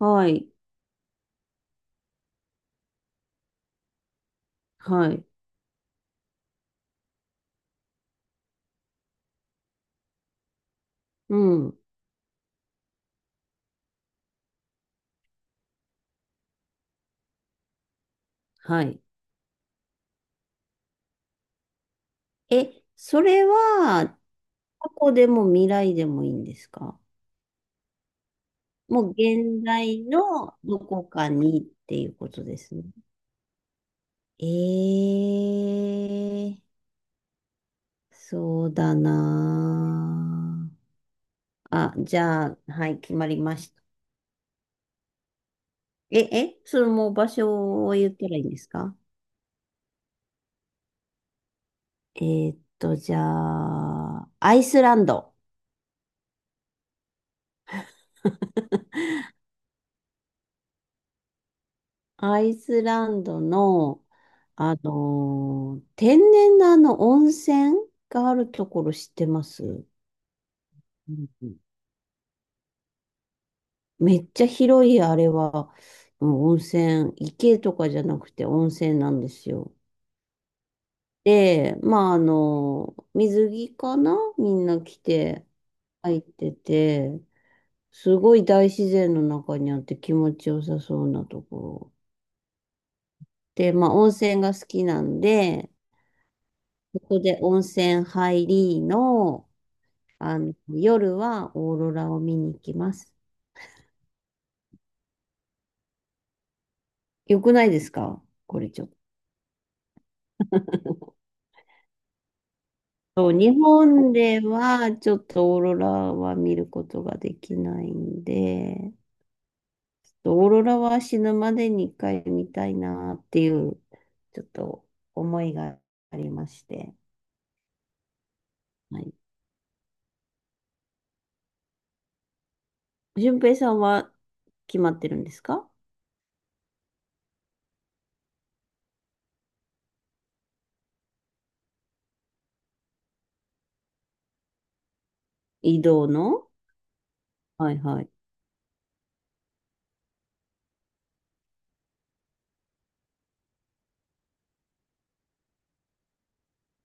はい、はい、うん、はい。え、それは、過去でも未来でもいいんですか？もう現在のどこかにっていうことですね。ええ、そうだなあ。あ、じゃあ、はい、決まりました。え、え、それもう場所を言ったらいいんですか？じゃあ、アイスランド。アイスランドの、天然の温泉があるところ知ってます？うんうん、めっちゃ広い、あれは、うん、温泉、池とかじゃなくて温泉なんですよ。で、まあ、水着かなみんな着て入ってて、すごい大自然の中にあって気持ちよさそうなところ。で、まあ、温泉が好きなんで、そこで温泉入りの、夜はオーロラを見に行きます。よくないですか？これちょっと。日本ではちょっとオーロラは見ることができないんで、ちょっとオーロラは死ぬまでに一回見たいなっていう、ちょっと思いがありまして。はい。順平さんは決まってるんですか？移動の、はいはい。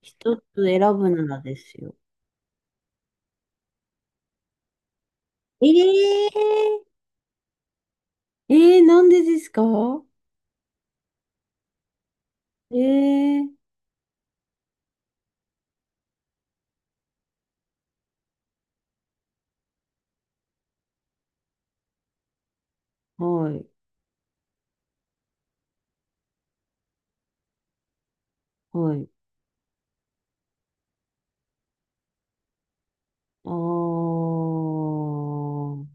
一つ選ぶならですよ。ええ、えー、なんでですか？えー、はい、はい。あー、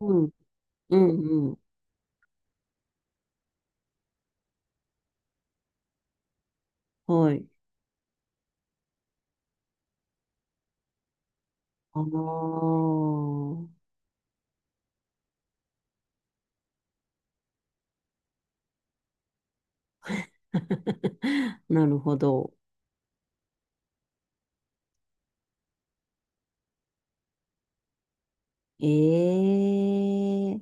うん、うん、うん、はい。あー、なるほど。えー、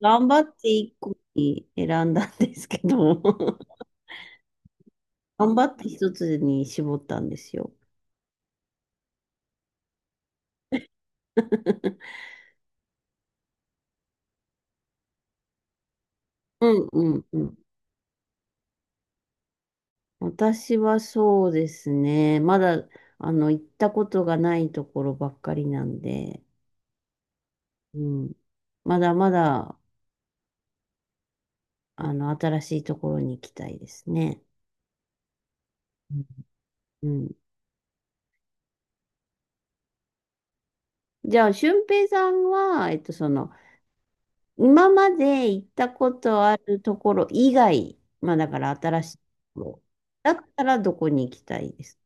頑張って一個に選んだんですけど、頑張って一つに絞ったんですよ。うん、うん、うん。私はそうですね。まだ、行ったことがないところばっかりなんで、うん。まだまだ、新しいところに行きたいですね。うん。じゃあ、俊平さんは、今まで行ったことあるところ以外、まあ、だから新しいところ、だったらどこに行きたいです？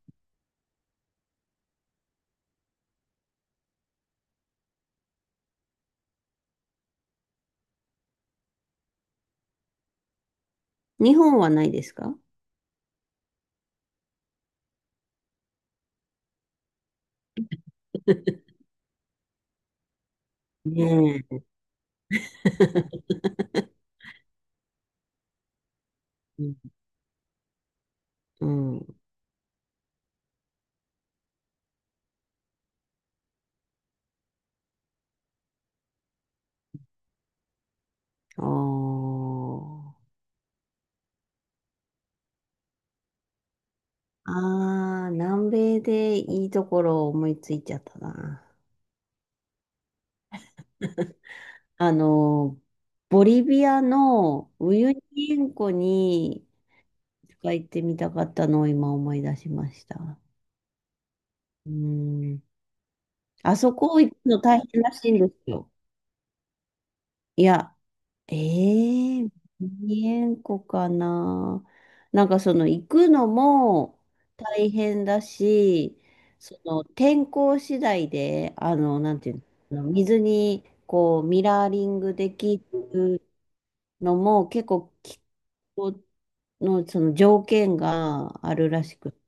日本はないですか？ ねえ。うん。 うん。ああー。ああ、南米でいいところを思いついちゃったな。あの、ボリビアのウユニ塩湖に一回行ってみたかったのを今思い出しました。うん。あそこ行くの大変らしいんですよ。いや、ええ、2円個かな。なんかその行くのも大変だし、その天候次第で、なんていうの、水にこうミラーリングできるのも結構気候のその条件があるらしくて、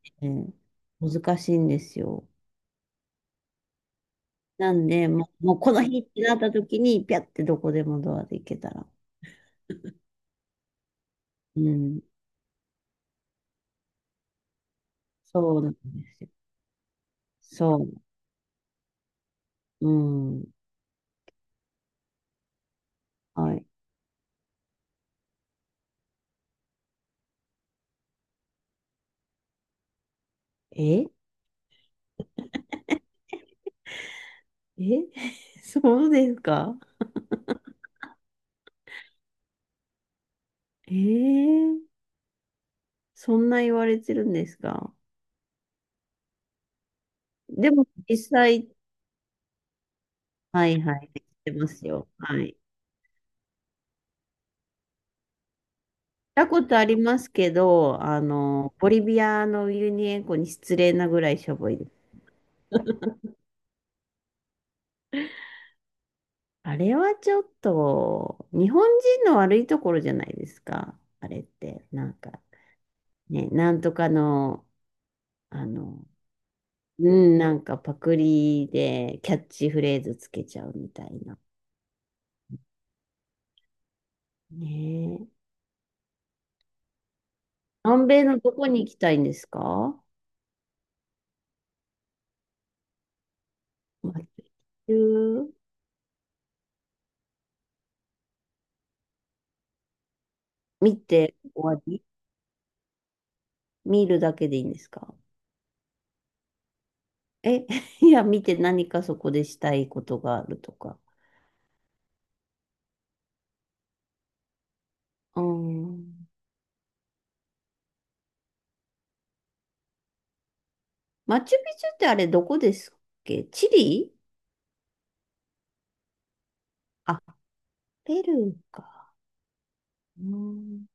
難しいんですよ。なんで、もう、もうこの日ってなった時に、ピャってどこでもドアで行けたら。うん。そうなんですよ。そう、うん。はい。ええ、 そうですか？ええ、そんな言われてるんですか？でも実際、はいはい、知ってますよ。はい。行ったことありますけど、ボリビアのウユニ塩湖に失礼なぐらいしょぼいです。あれはちょっと、日本人の悪いところじゃないですか。あれって、なんか、ね、なんとかの、あの、うん、なんかパクリでキャッチフレーズつけちゃうみたいな。ねえ。南米のどこに行きたいんですか？マチュピチュ見て終わり？見るだけでいいんですか？え、いや、見て何かそこでしたいことがあるとか。うん。マチュピチュってあれどこですっけ？チリ？あ、ペルーか。うん、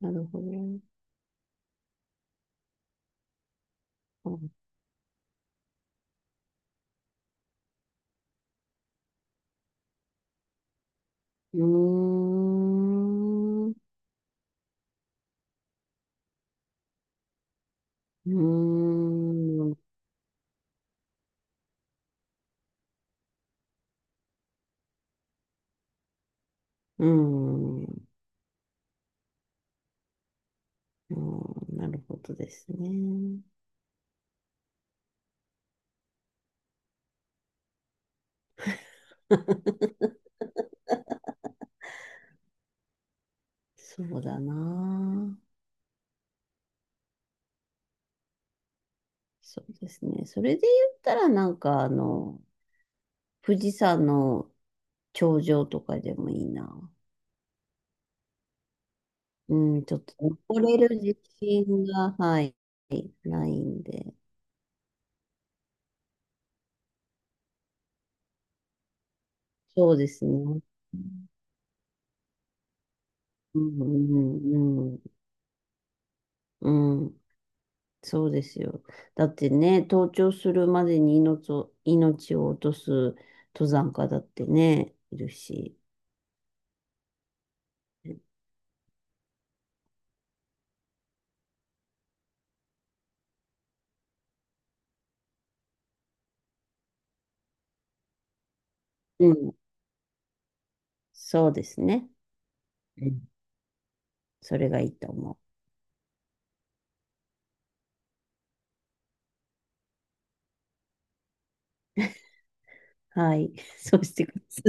なるほど。うん。うーん。うーん。うん、うん、なるほどですね。そうだな。そうですね。それで言ったらなんかあの、富士山の頂上とかでもいいな。うん、ちょっと登れる自信が、はい、ないんで。そうですね。うん、うん、うん、うん、そうですよ。だってね、登頂するまでに命を、命を落とす登山家だってね、いるし。うん。そうですね。うん、それがいいと思う。はい。そうしてくださ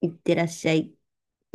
い。いってらっしゃい。